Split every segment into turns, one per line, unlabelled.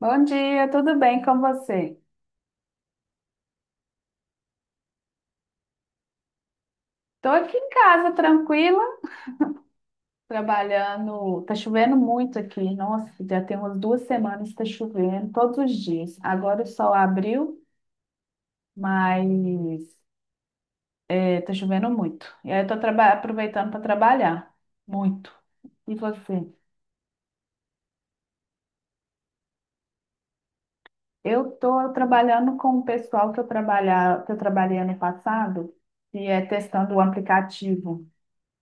Bom dia, tudo bem com você? Tô aqui em casa, tranquila, trabalhando. Tá chovendo muito aqui. Nossa, já tem umas 2 semanas que tá chovendo, todos os dias. Agora o sol abriu, mas é, tá chovendo muito. E aí eu tô aproveitando para trabalhar, muito. E você? Eu tô trabalhando com o pessoal que eu trabalhei ano passado, e é testando o aplicativo.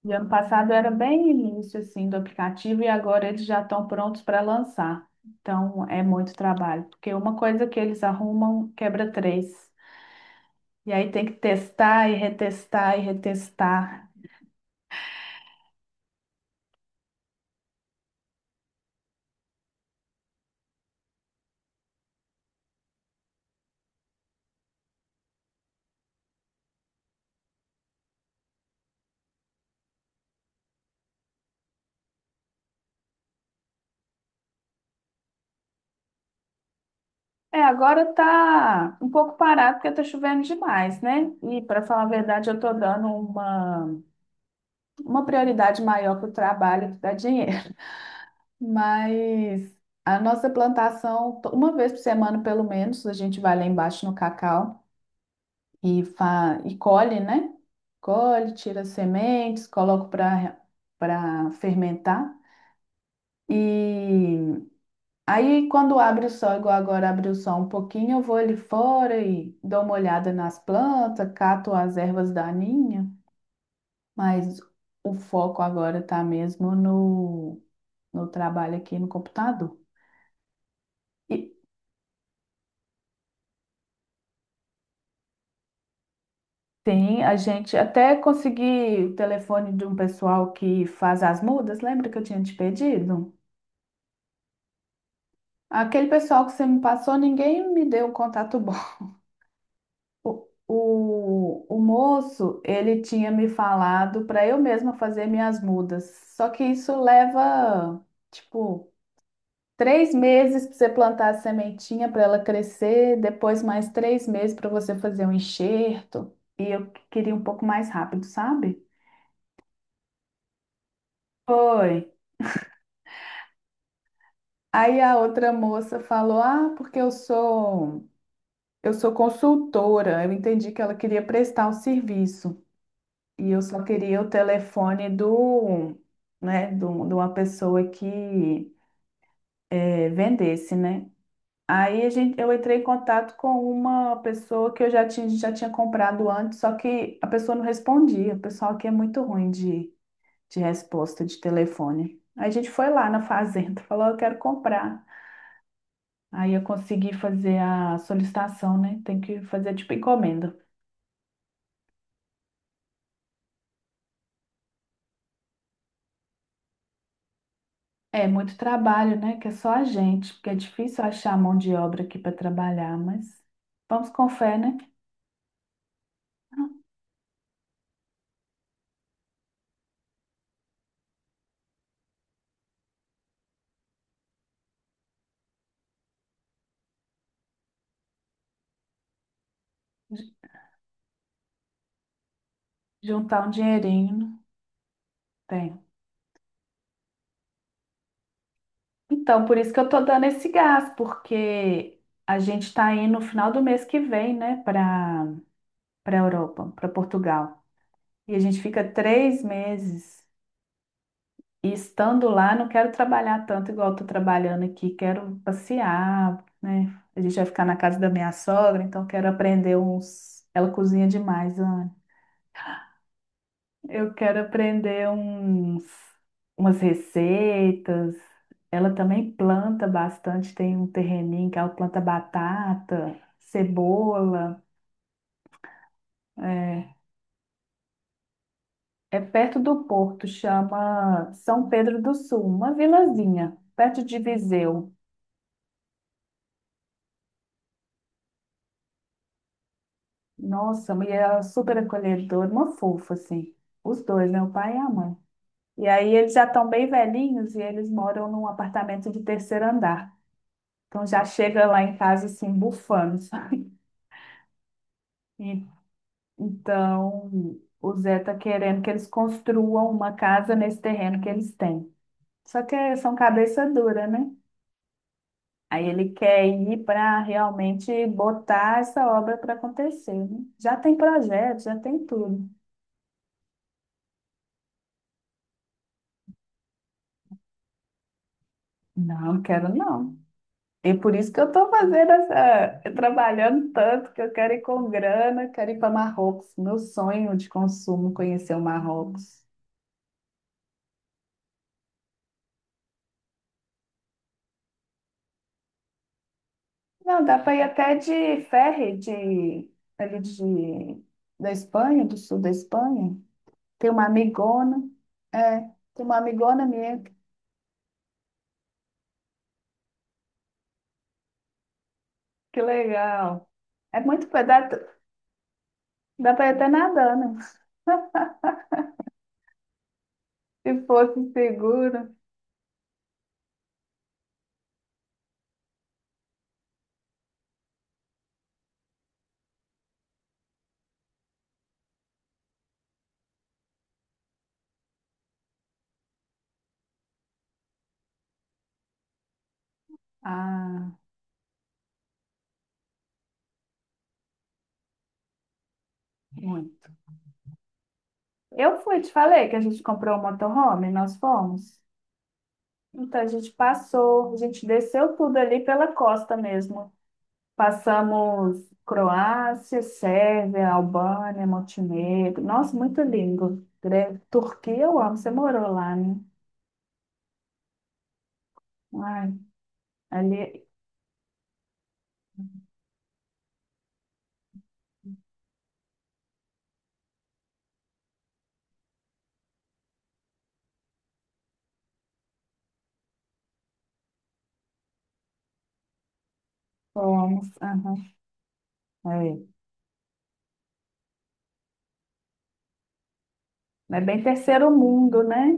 E ano passado era bem início assim do aplicativo e agora eles já estão prontos para lançar. Então é muito trabalho, porque uma coisa que eles arrumam quebra três. E aí tem que testar e retestar e retestar. É, agora tá um pouco parado porque tá chovendo demais, né? E para falar a verdade, eu tô dando uma prioridade maior para o trabalho que dá dinheiro. Mas a nossa plantação, uma vez por semana pelo menos, a gente vai lá embaixo no Cacau e colhe, né? Colhe, tira as sementes, coloco para fermentar. E aí, quando abre o sol, igual agora abre o sol um pouquinho, eu vou ali fora e dou uma olhada nas plantas, cato as ervas daninhas, mas o foco agora tá mesmo no trabalho aqui no computador. E tem a gente até consegui o telefone de um pessoal que faz as mudas, lembra que eu tinha te pedido? Aquele pessoal que você me passou, ninguém me deu um contato bom. O moço, ele tinha me falado para eu mesma fazer minhas mudas. Só que isso leva, tipo, 3 meses para você plantar a sementinha para ela crescer, depois mais 3 meses para você fazer um enxerto. E eu queria um pouco mais rápido, sabe? Foi. Aí a outra moça falou: Ah, porque eu sou consultora. Eu entendi que ela queria prestar um serviço. E eu só queria o telefone do, né, do, de uma pessoa que vendesse, né? Aí a gente, eu entrei em contato com uma pessoa que já tinha comprado antes, só que a pessoa não respondia. O pessoal aqui é muito ruim de resposta de telefone. Aí a gente foi lá na fazenda, falou, eu quero comprar. Aí eu consegui fazer a solicitação, né? Tem que fazer tipo encomenda. É muito trabalho, né? Que é só a gente, porque é difícil achar mão de obra aqui para trabalhar, mas vamos com fé, né? Ju- Juntar um dinheirinho, tem. Então, por isso que eu tô dando esse gás, porque a gente tá indo no final do mês que vem, né, para Europa, para Portugal. E a gente fica 3 meses. E estando lá, não quero trabalhar tanto igual estou trabalhando aqui, quero passear, né? A gente vai ficar na casa da minha sogra, então quero aprender uns. Ela cozinha demais, Ana. Eu quero aprender uns... umas receitas. Ela também planta bastante, tem um terreninho que ela planta batata, cebola. É, é perto do porto, chama São Pedro do Sul, uma vilazinha, perto de Viseu. Nossa, e ela era super acolhedora, uma fofa, assim. Os dois, né? O pai e a mãe. E aí eles já estão bem velhinhos e eles moram num apartamento de terceiro andar. Então já chega lá em casa, assim, bufando, sabe? E- Então o Zé tá querendo que eles construam uma casa nesse terreno que eles têm. Só que são cabeça dura, né? Aí ele quer ir para realmente botar essa obra para acontecer, né? Já tem projeto, já tem tudo. Não, quero não. E por isso que eu estou fazendo essa, trabalhando tanto, que eu quero ir com grana, quero ir para Marrocos. Meu sonho de consumo, conhecer o Marrocos. Não, dá para ir até de ferry, de, ali de, da Espanha, do sul da Espanha. Tem uma amigona, é, tem uma amigona minha, que legal. É muito, dá para ir até nadando, se fosse seguro. Ah, muito. Eu fui, te falei que a gente comprou um motorhome, nós fomos. Então, a gente passou, a gente desceu tudo ali pela costa mesmo. Passamos Croácia, Sérvia, Albânia, Montenegro. Nossa, muito lindo. Turquia, eu amo. Você morou lá, né? Ai, ali fomos. Aham. É. É bem terceiro mundo, né?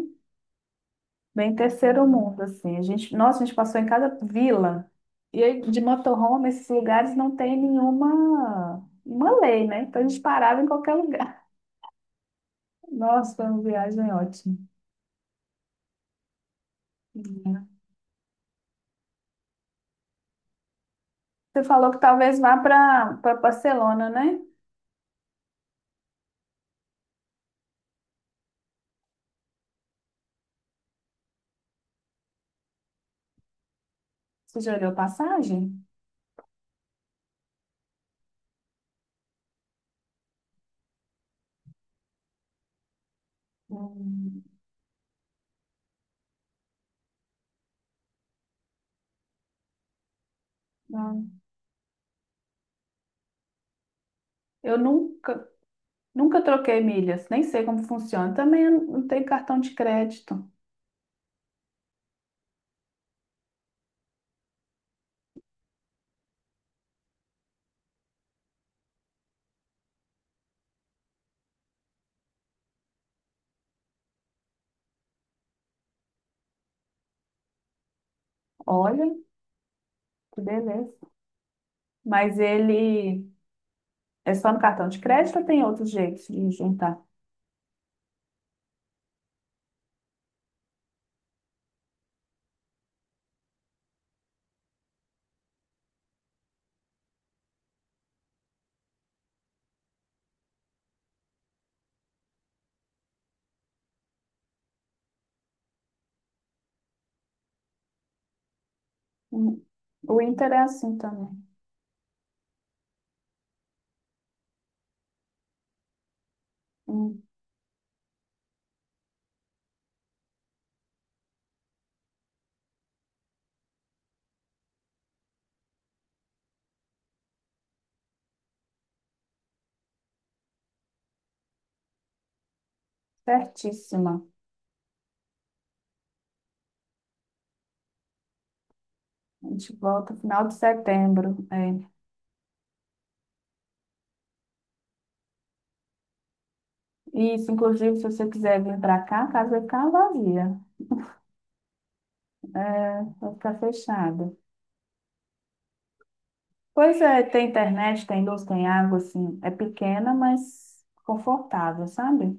Bem terceiro mundo, assim. A gente, nossa, a gente passou em cada vila. E aí, de motorhome, esses lugares não tem nenhuma uma lei, né? Então a gente parava em qualquer lugar. Nossa, foi uma viagem ótima. Uhum. Você falou que talvez vá para Barcelona, né? Você já olhou passagem? Hum, Não. Eu nunca, nunca troquei milhas, nem sei como funciona. Também eu não tenho cartão de crédito. Olha, que beleza. Mas ele é só no cartão de crédito ou tem outro jeito de juntar? Hum, O Inter é assim também. Hum, Certíssima. A gente volta final de setembro. É. Isso, inclusive, se você quiser vir para cá, a casa vai ficar vazia, vai ficar fechada. Pois é, tem internet, tem luz, tem água, assim, é pequena, mas confortável, sabe?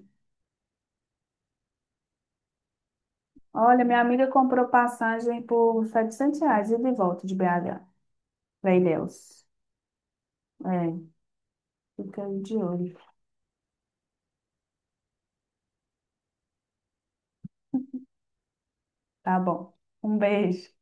Olha, minha amiga comprou passagem por R$ 700 e de volta de BH, para Ilhéus. É, fica aí de olho. Tá bom. Um beijo.